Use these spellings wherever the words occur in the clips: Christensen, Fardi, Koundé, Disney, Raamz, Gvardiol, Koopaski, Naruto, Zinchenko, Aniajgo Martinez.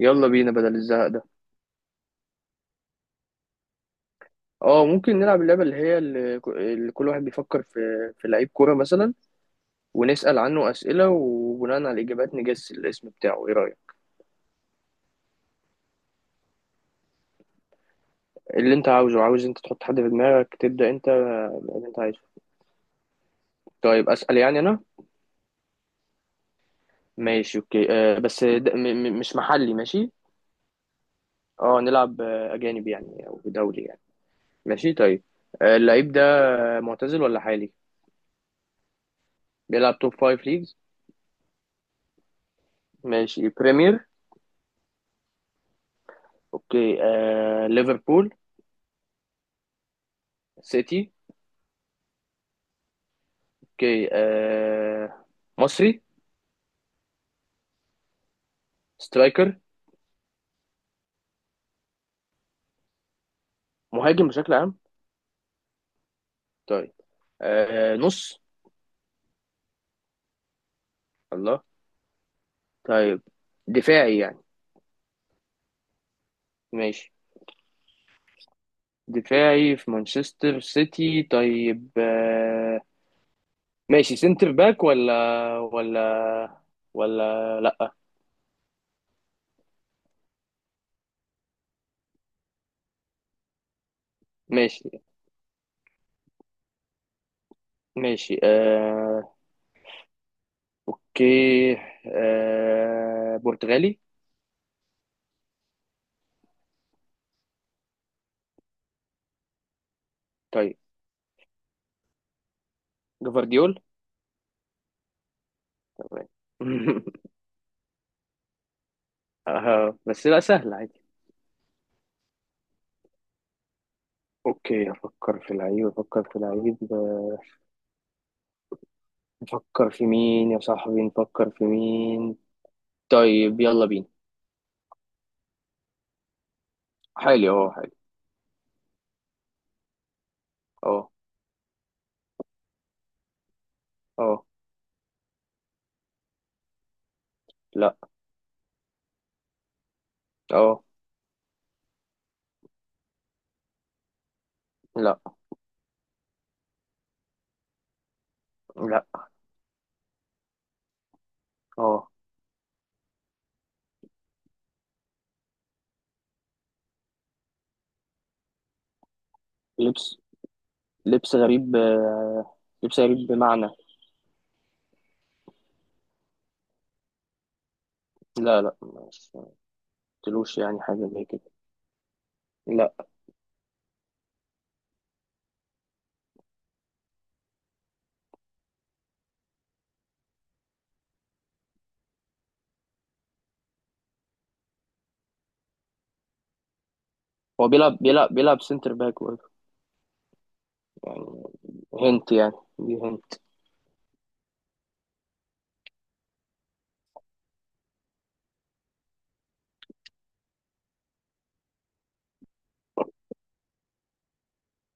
يلا بينا بدل الزهق ده. اه، ممكن نلعب اللعبة اللي هي اللي كل واحد بيفكر في لعيب كورة مثلا، ونسأل عنه أسئلة، وبناء على الإجابات نجس الاسم بتاعه. ايه رأيك؟ اللي انت عاوزه، عاوز انت تحط حد في دماغك، تبدأ انت. اللي انت عايزه. طيب، أسأل يعني انا. ماشي، اوكي. بس ده م م مش محلي، ماشي. اه، نلعب. أجانب يعني أو دولي يعني. ماشي، طيب. اللعيب ده معتزل ولا حالي؟ بيلعب توب فايف ليجز. ماشي، بريمير. اوكي. ليفربول؟ سيتي. اوكي. مصري؟ سترايكر؟ مهاجم بشكل عام؟ طيب. نص؟ الله. طيب. دفاعي يعني. ماشي. دفاعي في مانشستر سيتي. طيب. ماشي. سنتر باك ولا ولا لا؟ ماشي. ماشي. اوكي. برتغالي؟ طيب، جفارديول. تمام. بس لا، سهل عادي. اوكي، افكر في لعيب، افكر في لعيب. نفكر في مين يا صاحبي، نفكر في مين؟ طيب، يلا بينا. حالي؟ اه، حالي. اه. اه. لا. اه. لا. لا. اه، لبس. لبس غريب. لبس غريب بمعنى؟ لا، لا، مش قلتلوش يعني حاجة زي كده. لا. هو بيلعب سنتر باك برضه. يعني، هنت يعني. دي هنت.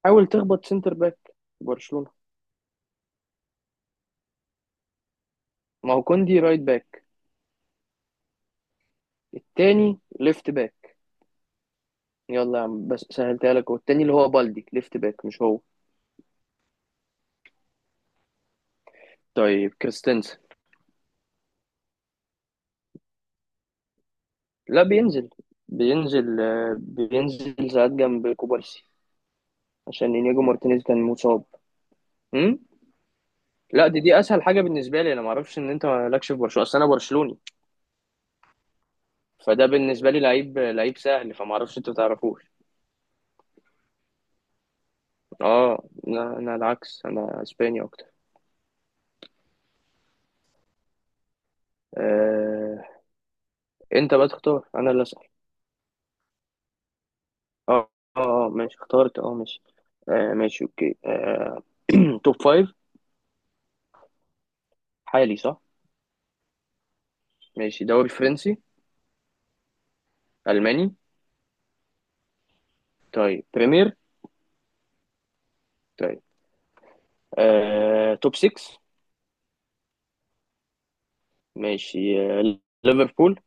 حاول تخبط سنتر باك برشلونة. ما هو كوندي رايت باك، التاني ليفت باك. يلا يا عم، بس سهلتها لك، والتاني اللي هو بالدي ليفت باك، مش هو؟ طيب، كريستنسن. لا، بينزل. بينزل ساعات جنب كوبارسي. عشان انياجو مارتينيز كان مصاب. امم لا، دي اسهل حاجه بالنسبه لي، انا ما اعرفش ان انت مالكش في برشلونه، اصل انا برشلوني، فده بالنسبه لي لعيب، لعيب سهل، فما اعرفش انتوا تعرفوش. اه، لا، انا العكس، انا اسباني اكتر. آه، انت بقى تختار، انا اللي اسال. اه. اه. ماشي، اخترت. اه. ماشي. ماشي، اوكي. توب فايف؟ حالي، صح؟ ماشي. دوري فرنسي؟ الماني؟ طيب، بريمير. طيب. توب 6؟ ماشي. آه، ليفربول؟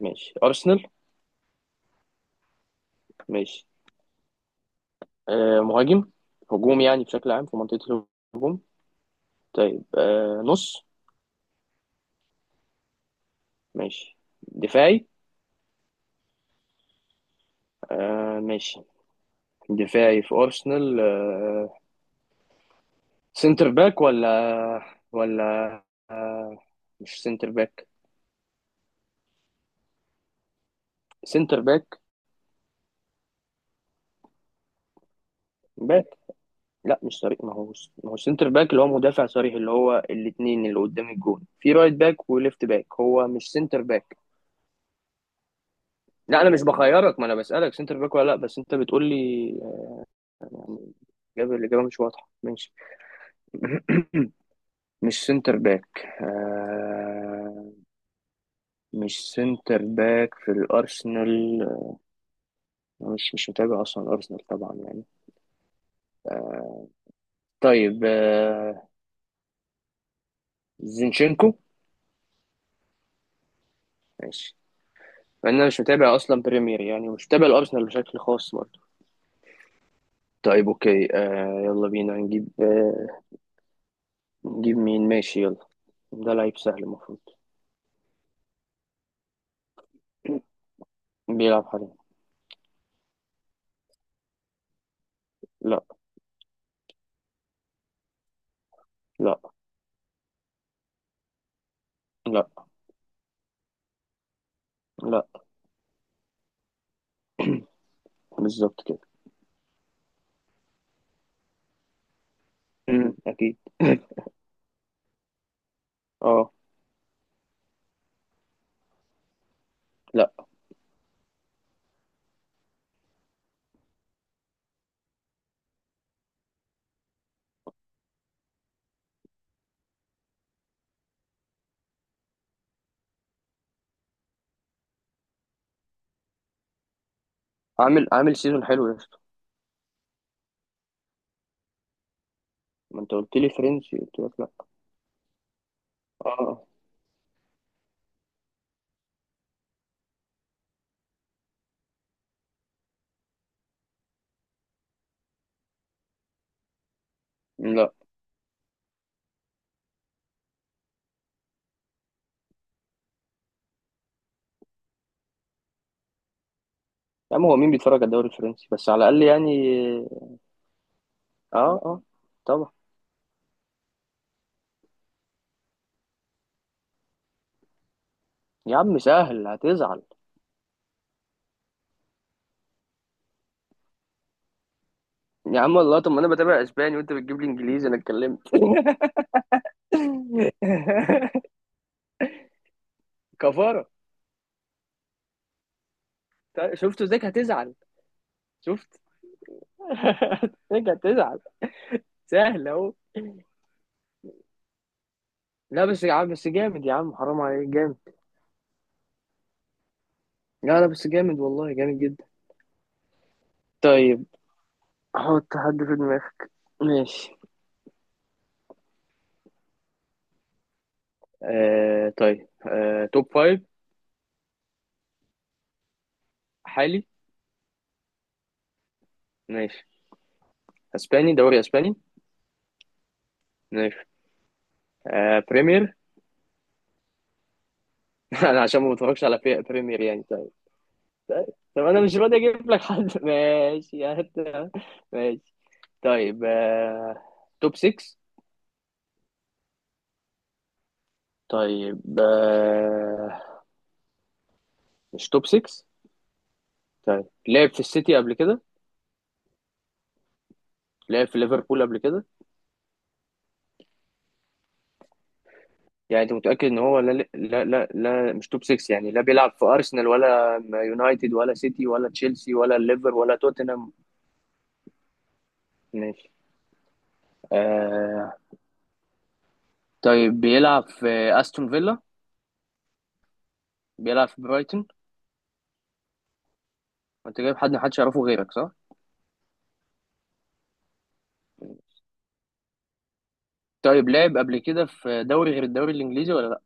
ماشي، أرسنال. ماشي. مهاجم؟ هجوم يعني بشكل عام في منطقة الهجوم؟ طيب. نص؟ ماشي. دفاعي. ماشي. دفاعي في أرسنال. سنتر باك ولا؟ ولا؟ مش سنتر باك؟ سنتر باك. باك. لا، مش صريح، ما هو سنتر باك اللي هو مدافع صريح، اللي هو الاتنين اللي قدام الجون، في رايت باك وليفت باك، هو مش سنتر باك. لا انا مش بخيرك، ما انا بسالك سنتر باك ولا لا، بس انت بتقول لي يعني. الاجابه مش واضحه. ماشي. مش سنتر باك. مش سنتر باك في الارسنال. مش متابع اصلا الارسنال طبعا يعني. طيب. زينشينكو. ماشي. انا مش متابع اصلا بريمير يعني، مش متابع الارسنال بشكل خاص برضه. طيب، اوكي. يلا بينا نجيب. نجيب مين؟ ماشي، يلا. ده لعيب سهل المفروض. بيلعب حاليا. لا. لا. لا. لا. بالظبط كده. اكيد. اه، لا. عامل سيزون حلو يا اسطى. ما انت قلت لي فرنسي، قلت لك لا. اه، لا. يا عم، هو مين بيتفرج على الدوري الفرنسي بس على الاقل يعني؟ اه. اه. طبعا. يا عم سهل، هتزعل. يا عم والله، طب ما انا بتابع اسباني وانت بتجيب لي انجليزي، انا اتكلمت. كفاره. طيب، شفت؟ ازيك هتزعل. شفت. ازيك هتزعل. سهل اهو. لا بس يا عم، بس جامد يا عم، حرام عليك، جامد. لا، لا، بس جامد والله، جامد جدا. طيب. حط حد في دماغك. ماشي. طيب. توب فايف؟ حالي. ماشي. اسباني؟ دوري اسباني؟ ماشي. بريمير. انا عشان ما بتفرجش على بريمير يعني، طيب. طيب. طب انا مش راضي اجيب لك حد. ماشي، هات. ماشي، طيب. توب 6؟ طيب. مش توب 6. طيب، لعب في السيتي قبل كده؟ لعب في ليفربول قبل كده؟ يعني انت متأكد ان هو، لا، لا، لا، لا، مش توب 6 يعني، لا بيلعب في ارسنال ولا يونايتد ولا سيتي ولا تشيلسي ولا الليفر ولا توتنهام؟ ماشي. آه طيب. بيلعب في استون فيلا؟ بيلعب في برايتون؟ انت جايب حد محدش يعرفه غيرك، صح؟ طيب، لعب قبل كده في دوري غير الدوري الانجليزي ولا لا؟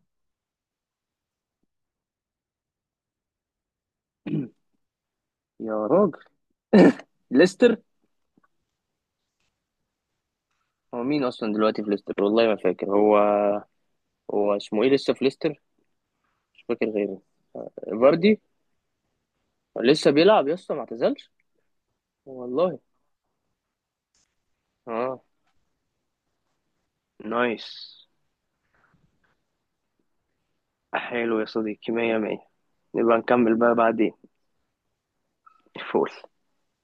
يا راجل، ليستر. هو مين اصلا دلوقتي في ليستر، والله ما فاكر هو. هو اسمه ايه لسه في ليستر؟ مش فاكر غيره. فاردي. لسه بيلعب يا اسطى؟ ما اعتزلش؟ والله. اه. نايس. حلو يا صديقي، مية مية. نبقى نكمل بقى بعدين. فول.